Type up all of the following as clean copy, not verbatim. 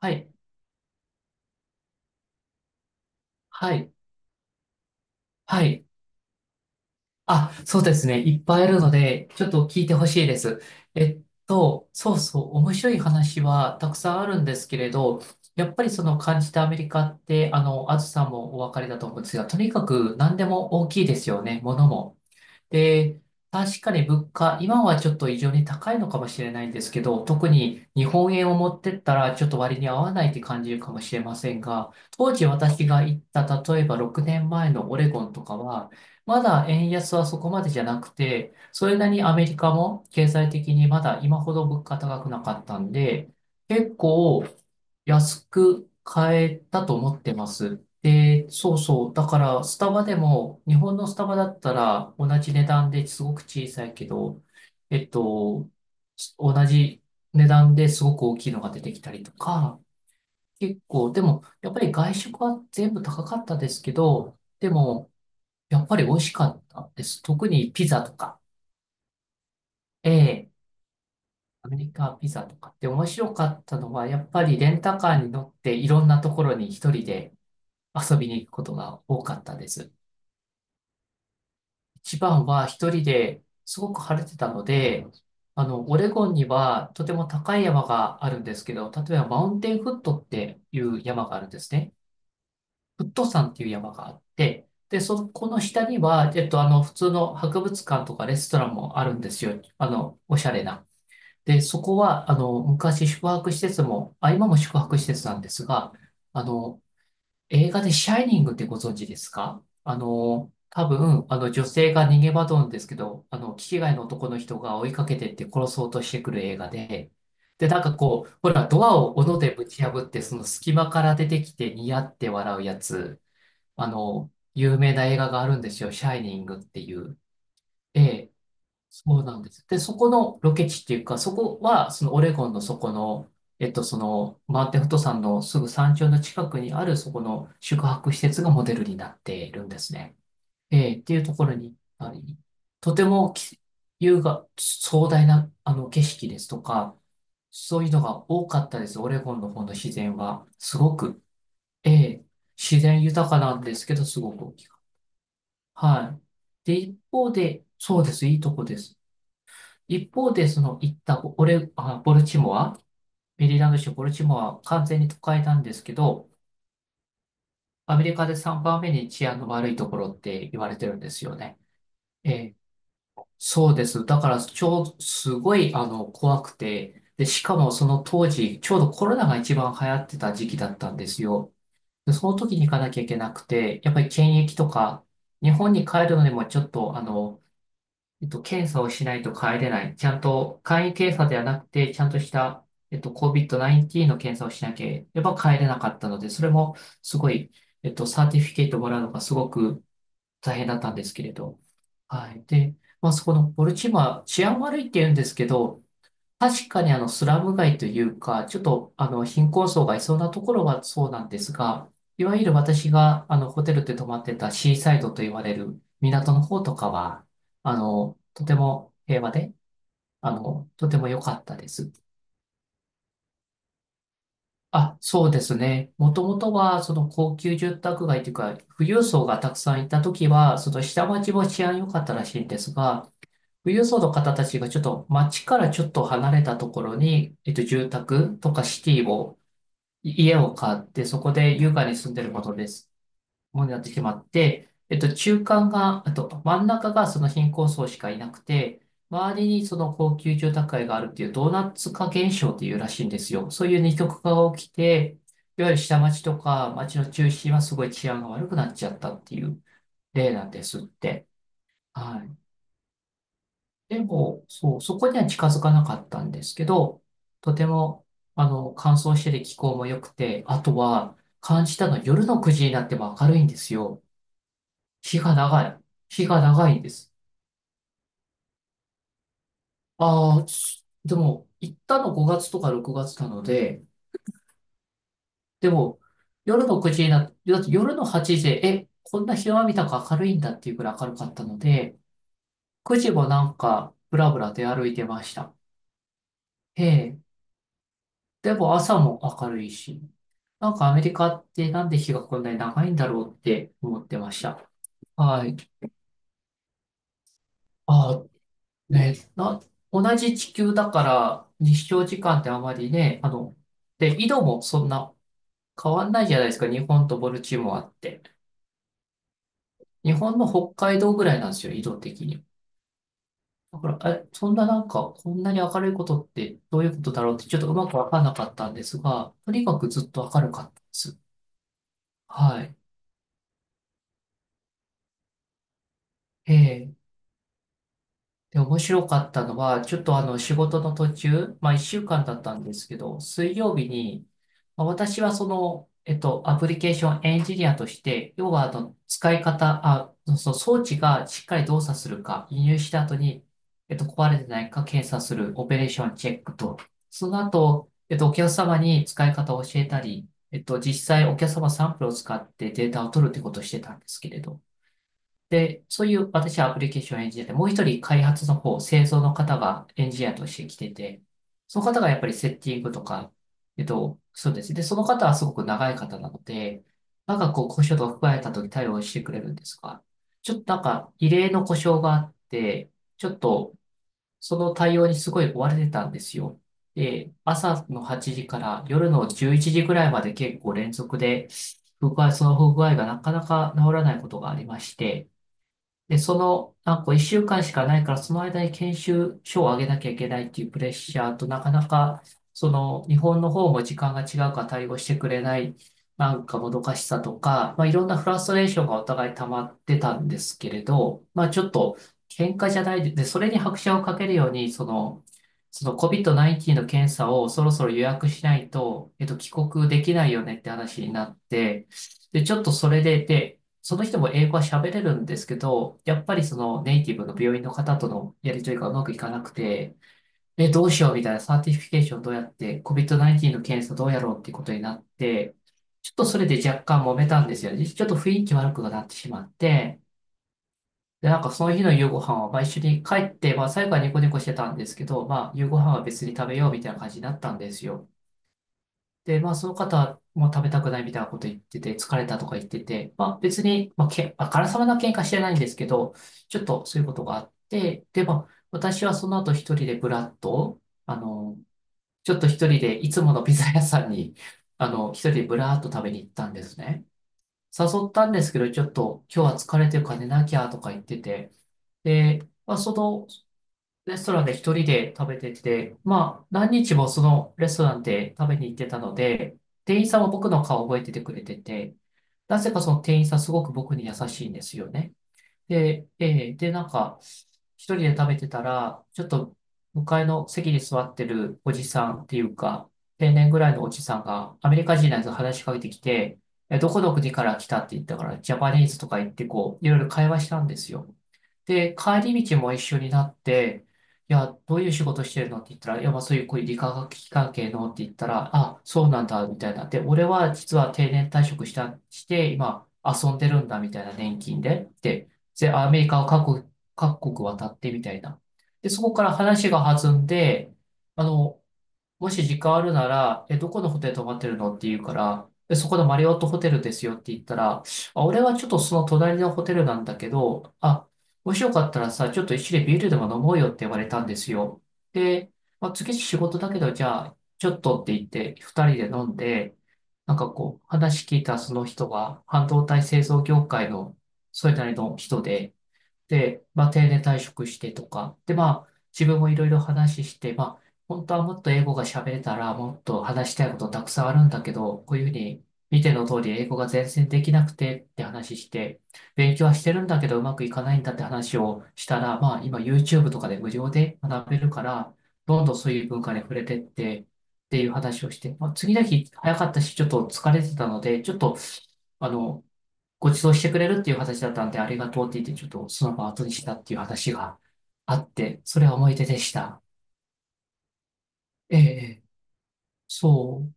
はい、はい、はい。あ、そうですね。いっぱいあるので、ちょっと聞いてほしいです。えっそうそう、面白い話はたくさんあるんですけれど、やっぱりその感じたアメリカって、あずさんもお分かりだと思うんですが、とにかく何でも大きいですよね、ものも。で、確かに物価、今はちょっと異常に高いのかもしれないんですけど、特に日本円を持ってったらちょっと割に合わないって感じるかもしれませんが、当時私が行った、例えば6年前のオレゴンとかは、まだ円安はそこまでじゃなくて、それなりにアメリカも経済的にまだ今ほど物価高くなかったんで、結構安く買えたと思ってます。で、そうそう。だから、スタバでも、日本のスタバだったら、同じ値段ですごく小さいけど、えっと、同じ値段ですごく大きいのが出てきたりとか、結構、でも、やっぱり外食は全部高かったですけど、でも、やっぱり美味しかったです。特にピザとか、ええ、アメリカピザとかって面白かったのは、やっぱりレンタカーに乗っていろんなところに一人で遊びに行くことが多かったです。一番は一人ですごく晴れてたので、オレゴンにはとても高い山があるんですけど、例えばマウンテンフットっていう山があるんですね。フット山っていう山があって、で、そこの下には、普通の博物館とかレストランもあるんですよ。おしゃれな。で、そこは、昔宿泊施設も、あ、今も宿泊施設なんですが、あの、映画でシャイニングってご存知ですか？多分、あの女性が逃げ惑うんですけど、気違いの男の人が追いかけてって殺そうとしてくる映画で、で、なんかこう、ほら、ドアを斧でぶち破って、その隙間から出てきてニヤって笑うやつ、有名な映画があるんですよ、シャイニングっていう。ええ、そうなんです。で、そこのロケ地っていうか、そこは、そのオレゴンのそこの、その、マーテンフット山のすぐ山頂の近くにある、そこの宿泊施設がモデルになっているんですね。えーっていうところに、ありとてもき優雅、壮大な、景色ですとか、そういうのが多かったです。オレゴンの方の自然は。すごく、えー自然豊かなんですけど、すごく大きい。はい。で、一方で、そうです。いいとこです。一方で、その行ったオレ、あ、ボルチモア、メリーランド州ボルチモアは完全に都会なんですけど、アメリカで3番目に治安の悪いところって言われてるんですよね。ええ、そうです。だから、超、すごい、怖くて、で、しかもその当時、ちょうどコロナが一番流行ってた時期だったんですよ。で、その時に行かなきゃいけなくて、やっぱり検疫とか、日本に帰るのにもちょっと、検査をしないと帰れない。ちゃんと、簡易検査ではなくて、ちゃんとした、COVID-19 の検査をしなければ帰れなかったので、それもすごい、サーティフィケートもらうのがすごく大変だったんですけれど。はい。で、まあ、そこのボルチモア、治安悪いって言うんですけど、確かにあのスラム街というか、ちょっとあの貧困層がいそうなところはそうなんですが、いわゆる私があのホテルで泊まってたシーサイドと言われる港の方とかは、とても平和で、とても良かったです。あ、そうですね。もともとはその高級住宅街というか、富裕層がたくさんいた時は、その下町も治安良かったらしいんですが、富裕層の方たちがちょっと街からちょっと離れたところに、住宅とかシティを家を買って、そこで優雅に住んでることです。ものになってしまって、中間が、あと、真ん中がその貧困層しかいなくて、周りにその高級住宅街があるっていうドーナツ化現象っていうらしいんですよ。そういう二極化が起きて、いわゆる下町とか町の中心はすごい治安が悪くなっちゃったっていう例なんですって。はい。でも、そう、そこには近づかなかったんですけど、とても、乾燥してて気候も良くて、あとは、感じたのは夜の9時になっても明るいんですよ。日が長い。日が長いんです。ああ、でも、行ったの5月とか6月なので、でも、夜の9時になって、だって夜の8時で、え、こんな日は見たか明るいんだっていうくらい明るかったので、9時もなんか、ぶらぶら出歩いてました。ええ、でも朝も明るいし、なんかアメリカってなんで日がこんなに長いんだろうって思ってました。はい。あ、ね、な、同じ地球だから日照時間ってあまりね、で、緯度もそんな変わんないじゃないですか。日本とボルチモアって。日本の北海道ぐらいなんですよ、緯度的に。だから、え、そんななんか、こんなに明るいことってどういうことだろうってちょっとうまくわかんなかったんですが、とにかくずっと明るかったです。はい。ええ、で、面白かったのは、ちょっとあの、仕事の途中、まあ、一週間だったんですけど、水曜日に、まあ、私はその、アプリケーションエンジニアとして、要はあの、使い方、あ、その装置がしっかり動作するか、輸入した後に、壊れてないか検査するオペレーションチェックと、その後、お客様に使い方を教えたり、実際お客様サンプルを使ってデータを取るってことをしてたんですけれど、で、そういう私はアプリケーションを演じてて、もう一人開発の方、製造の方がエンジニアとして来てて、その方がやっぱりセッティングとか、そうです。で、その方はすごく長い方なので、なんかこう故障とか含まれた時対応してくれるんですが、ちょっとなんか異例の故障があって、ちょっとその対応にすごい追われてたんですよ。で、朝の8時から夜の11時ぐらいまで結構連続で、不具合、その不具合がなかなか治らないことがありまして。で、その、なんか1週間しかないから、その間に研修書を上げなきゃいけないっていうプレッシャーと、なかなか、その、日本の方も時間が違うから対応してくれない、なんかもどかしさとか、まあ、いろんなフラストレーションがお互い溜まってたんですけれど、まあ、ちょっと、喧嘩じゃないで、でそれに拍車をかけるように、その、その COVID-19 の検査をそろそろ予約しないと、帰国できないよねって話になって、で、ちょっとそれで、で、その人も英語は喋れるんですけど、やっぱりそのネイティブの病院の方とのやり取りがうまくいかなくて、え、どうしようみたいなサーティフィケーションどうやって、COVID-19 の検査どうやろうっていうことになって、ちょっとそれで若干揉めたんですよね。ちょっと雰囲気悪くなってしまって、で、なんかその日の夕ご飯は、まあ、一緒に帰って、まあ最後はニコニコしてたんですけど、まあ夕ご飯は別に食べようみたいな感じになったんですよ。で、まあ、その方も食べたくないみたいなこと言ってて、疲れたとか言ってて、まあ、別に、まあ、まあからさまな喧嘩してないんですけど、ちょっとそういうことがあって、で、まあ、私はその後一人でブラッと、あの、ちょっと一人でいつものピザ屋さんに、一人でブラーっと食べに行ったんですね。誘ったんですけど、ちょっと今日は疲れてるから寝なきゃとか言ってて、で、まあ、その、レストランで一人で食べてて、まあ、何日もそのレストランで食べに行ってたので、店員さんは僕の顔を覚えててくれてて、なぜかその店員さんすごく僕に優しいんですよね。で、で、なんか、一人で食べてたら、ちょっと向かいの席に座ってるおじさんっていうか、定年ぐらいのおじさんが、アメリカ人のやつが話しかけてきて、え、どこどこから来たって言ったから、ジャパニーズとか言って、こう、いろいろ会話したんですよ。で、帰り道も一緒になって、いや、どういう仕事してるのって言ったら、いや、まあそういう、こういう理化学機関系のって言ったら、あ、そうなんだ、みたいな。で、俺は実は定年退職して、今、遊んでるんだ、みたいな、年金で。で、アメリカを各国渡ってみたいな。で、そこから話が弾んで、あの、もし時間あるなら、え、どこのホテル泊まってるのって言うから、で、そこのマリオットホテルですよって言ったら、あ、俺はちょっとその隣のホテルなんだけど、あ、もしよかったらさ、ちょっと一緒にビールでも飲もうよって言われたんですよ。で、まあ、次仕事だけど、じゃあ、ちょっとって言って、二人で飲んで、なんかこう、話聞いたその人が、半導体製造業界の、それなりの人で、で、まあ、定年退職してとか、で、まあ、自分もいろいろ話して、まあ、本当はもっと英語が喋れたら、もっと話したいことたくさんあるんだけど、こういうふうに、見ての通り英語が全然できなくてって話して、勉強はしてるんだけどうまくいかないんだって話をしたら、まあ、今 YouTube とかで無料で学べるから、どんどんそういう文化に触れてって、っていう話をして、まあ、次の日早かったし、ちょっと疲れてたので、ちょっと、あの、ご馳走してくれるっていう形だったんで、ありがとうって言って、ちょっとその場を後にしたっていう話があって、それは思い出でした。ええ、ええそう。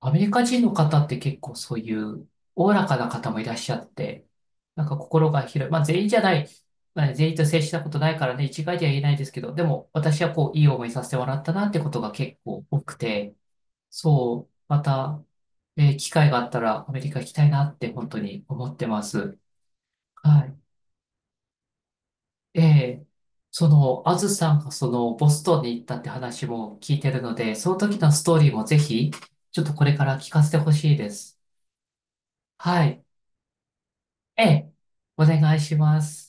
アメリカ人の方って結構そういうおおらかな方もいらっしゃって、なんか心が広い。まあ全員じゃない。まあ全員と接したことないからね、一概では言えないですけど、でも私はこう、いい思いさせてもらったなってことが結構多くて、そう、また、機会があったらアメリカ行きたいなって本当に思ってます。はい。ええ、その、あずさんがその、ボストンに行ったって話も聞いてるので、その時のストーリーもぜひ、ちょっとこれから聞かせてほしいです。はい。ええ、お願いします。